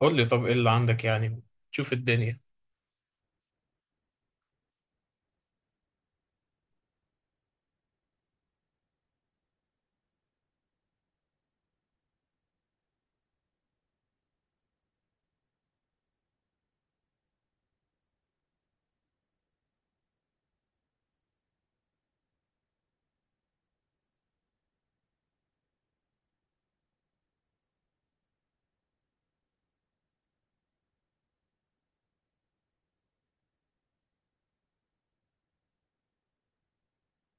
قول لي، طب ايه اللي عندك يعني تشوف الدنيا.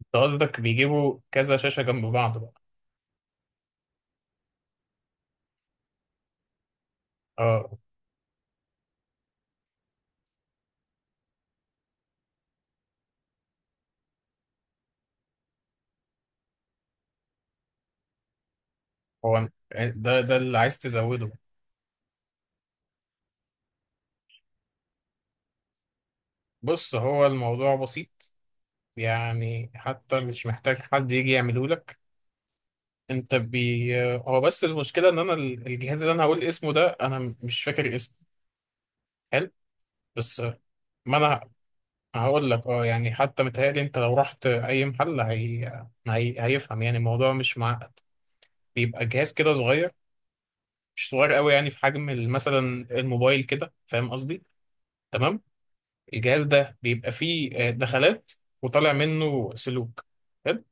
انت قصدك بيجيبوا كذا شاشة جنب بعض بقى. اه، هو أنا- ده اللي عايز تزوده. بص، هو الموضوع بسيط، يعني حتى مش محتاج حد يجي يعمله لك. انت بي هو بس المشكلة ان انا الجهاز اللي انا هقول اسمه ده انا مش فاكر اسمه. حلو. بس ما انا هقول لك، اه يعني حتى متهيألي انت لو رحت اي محل هيفهم، يعني الموضوع مش معقد. بيبقى جهاز كده صغير، مش صغير قوي، يعني في حجم مثلا الموبايل كده، فاهم قصدي؟ تمام. الجهاز ده بيبقى فيه دخلات وطالع منه سلوك، حلو؟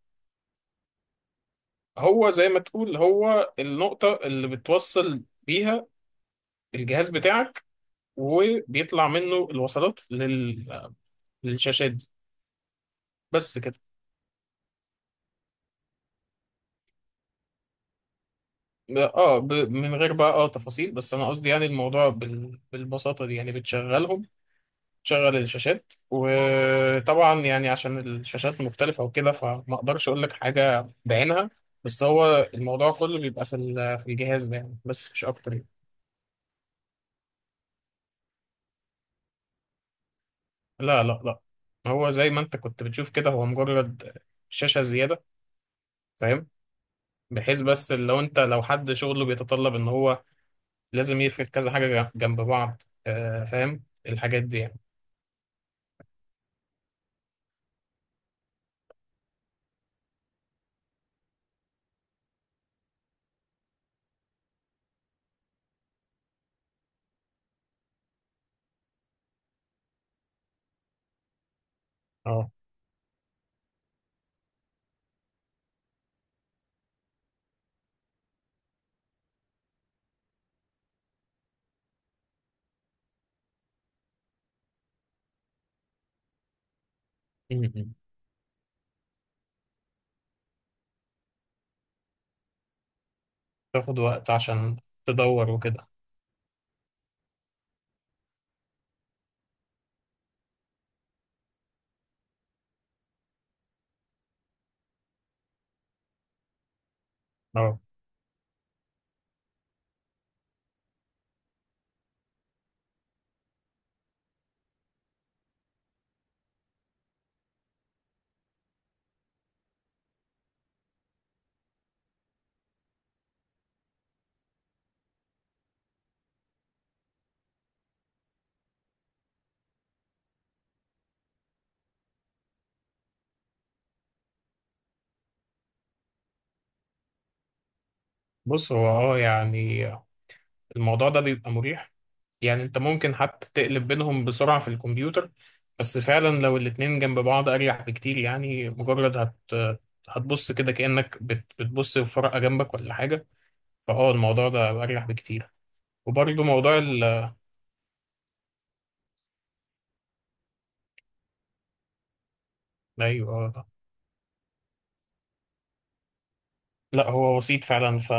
هو زي ما تقول، هو النقطة اللي بتوصل بيها الجهاز بتاعك، وبيطلع منه الوصلات لل... آه، للشاشات دي. بس كده. اه، من غير بقى اه تفاصيل، بس انا قصدي يعني الموضوع بالبساطة دي، يعني بتشغلهم شغل الشاشات. وطبعا يعني عشان الشاشات مختلفة وكده، فما اقدرش اقول لك حاجة بعينها. بس هو الموضوع كله بيبقى في في الجهاز ده يعني، بس مش اكتر يعني. لا، هو زي ما انت كنت بتشوف كده، هو مجرد شاشة زيادة. فاهم؟ بحيث بس لو انت لو حد شغله بيتطلب ان هو لازم يفرد كذا حاجة جنب بعض، آه، فاهم، الحاجات دي يعني. اه. م- م. تاخد وقت عشان تدور وكده. اه. بص، هو اه يعني الموضوع ده بيبقى مريح، يعني انت ممكن حتى تقلب بينهم بسرعة في الكمبيوتر، بس فعلا لو الاتنين جنب بعض اريح بكتير. يعني مجرد هتبص كده كأنك بتبص في ورقة جنبك ولا حاجة. فاه، الموضوع ده اريح بكتير. وبرضه موضوع ايوه، آه. لا، هو بسيط فعلا. ف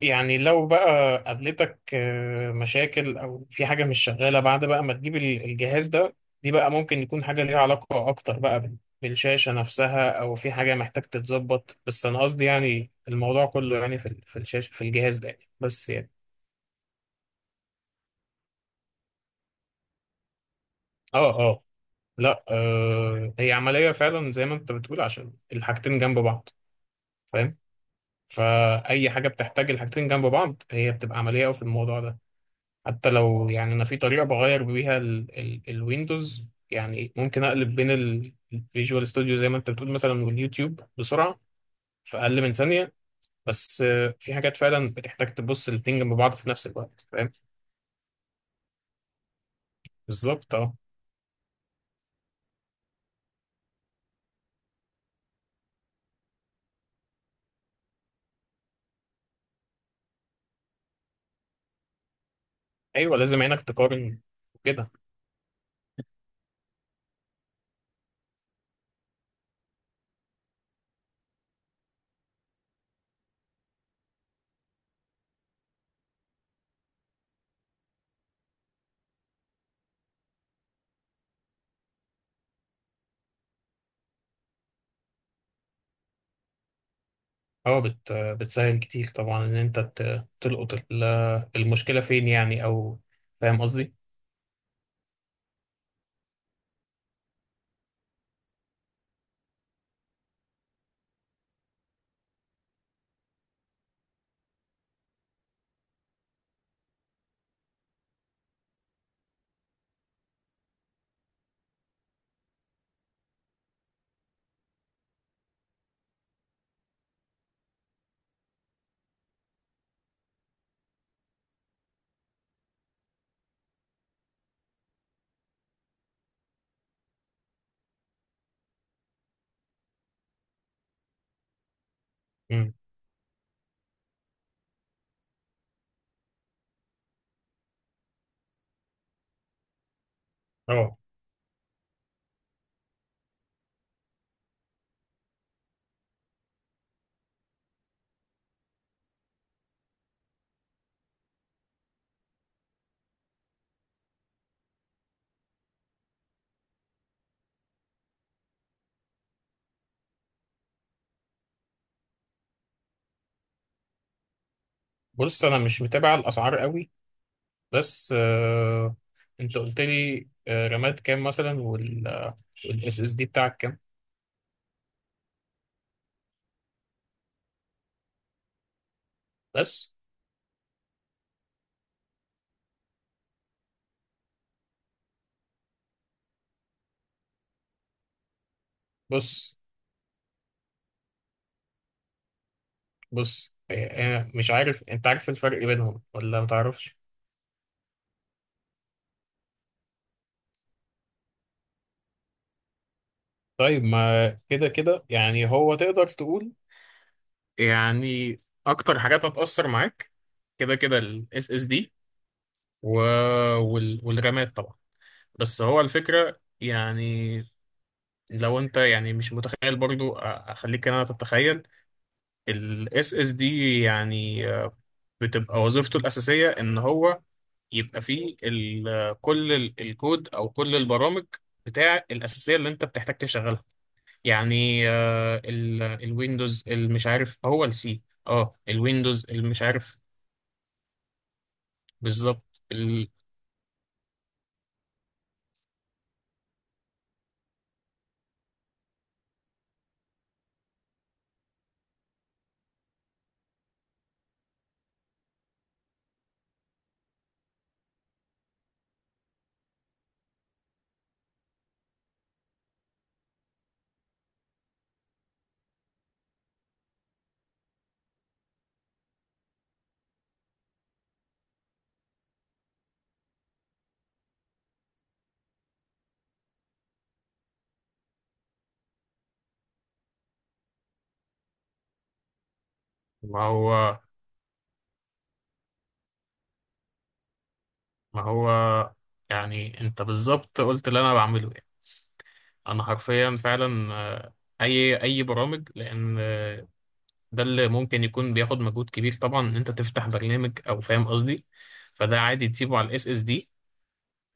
يعني لو بقى قابلتك آه، مشاكل او في حاجه مش شغاله بعد بقى ما تجيب الجهاز ده، دي بقى ممكن يكون حاجه ليها علاقه اكتر بقى بالشاشه نفسها، او في حاجه محتاج تتظبط. بس انا قصدي يعني الموضوع كله يعني في في الشاشه، في الجهاز ده يعني، بس يعني. اه، اه. لا آه، هي عمليه فعلا زي ما انت بتقول، عشان الحاجتين جنب بعض، فاهم. فاي حاجه بتحتاج الحاجتين جنب بعض هي بتبقى عمليه قوي في الموضوع ده. حتى لو يعني انا في طريقه بغير بيها ال الويندوز، يعني ممكن اقلب بين الفيجوال ستوديو زي ما انت بتقول مثلا، واليوتيوب، بسرعه في اقل من ثانيه. بس آه، في حاجات فعلا بتحتاج تبص الاتنين جنب بعض في نفس الوقت، فاهم. بالظبط، اه. ايوه، لازم عينك تقارن كده. اه، بت آه، بتسهل كتير طبعا ان انت تلقط المشكله فين يعني، او فاهم قصدي. امم. اه، بص، انا مش متابع الاسعار قوي، بس آه انت قلت لي آه رامات كام مثلا، والاس اس دي بتاعك كام. بس. بص بص، آه آه، مش عارف، انت عارف الفرق بينهم ولا متعرفش؟ طيب، ما كده كده يعني هو تقدر تقول يعني اكتر حاجات هتأثر معاك كده كده الاس اس دي، والرامات طبعا. بس هو الفكرة يعني، لو انت يعني مش متخيل برضو، اخليك انا تتخيل. الاس اس دي يعني آه، بتبقى وظيفته الأساسية إن هو يبقى فيه كل الكود أو كل البرامج بتاع الأساسية اللي أنت بتحتاج تشغلها، يعني آه، الويندوز، المش عارف هو السي. اه، الويندوز، المش عارف. بالظبط ما هو ما هو يعني أنت بالظبط قلت اللي أنا بعمله يعني. أنا حرفيا فعلا آه، أي برامج، لأن ده اللي ممكن يكون بياخد مجهود كبير طبعا ان انت تفتح برنامج، او فاهم قصدي. فده عادي تسيبه على الاس اس دي.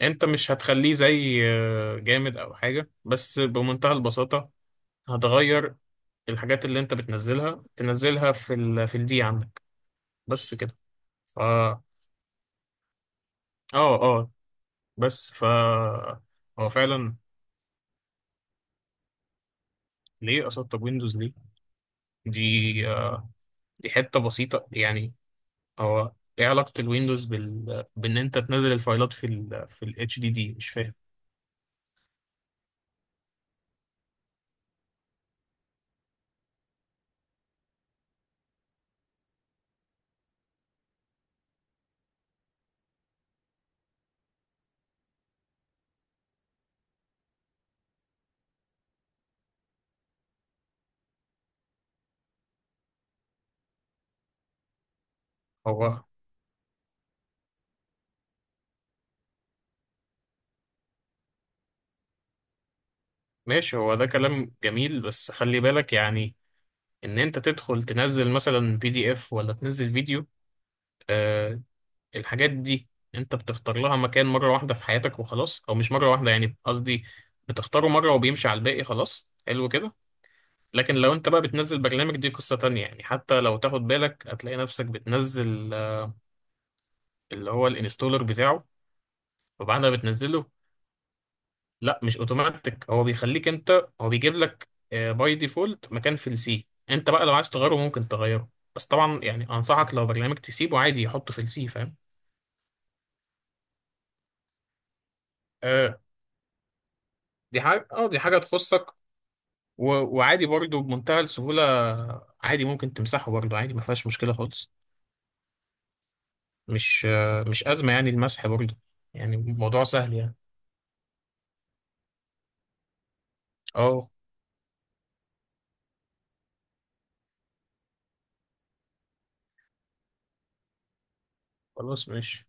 انت مش هتخليه زي آه، جامد او حاجه، بس بمنتهى البساطه هتغير الحاجات اللي انت بتنزلها، تنزلها في في الدي عندك، بس كده. فا اه، اه. بس فا هو فعلا، ليه اسطب ويندوز؟ ليه؟ دي آه، دي حته بسيطه يعني. هو ايه علاقه الويندوز بان انت تنزل الفايلات في في الاتش دي دي؟ مش فاهم. هو ماشي، هو ده كلام جميل، بس خلي بالك يعني ان انت تدخل تنزل مثلا بي دي اف، ولا تنزل فيديو، آه، الحاجات دي انت بتختار لها مكان مرة واحدة في حياتك وخلاص، او مش مرة واحدة يعني قصدي، بتختاره مرة وبيمشي على الباقي خلاص، حلو كده. لكن لو انت بقى بتنزل برنامج، دي قصة تانية يعني. حتى لو تاخد بالك هتلاقي نفسك بتنزل آه، اللي هو الانستولر بتاعه، وبعدها بتنزله. لا، مش اوتوماتيك، هو بيخليك انت، هو بيجيب لك باي ديفولت مكان في السي، انت بقى لو عايز تغيره ممكن تغيره. بس طبعا يعني انصحك، لو برنامج تسيبه عادي يحطه في السي، فاهم. آه، دي حاجه تخصك. و... وعادي برضه بمنتهى السهوله، عادي ممكن تمسحه برضه، عادي ما فيهاش مشكله خالص. مش آه، مش ازمه يعني المسح برضه، يعني الموضوع سهل يعني. اه، خلاص ماشي.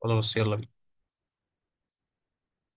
خلاص، يلا بينا.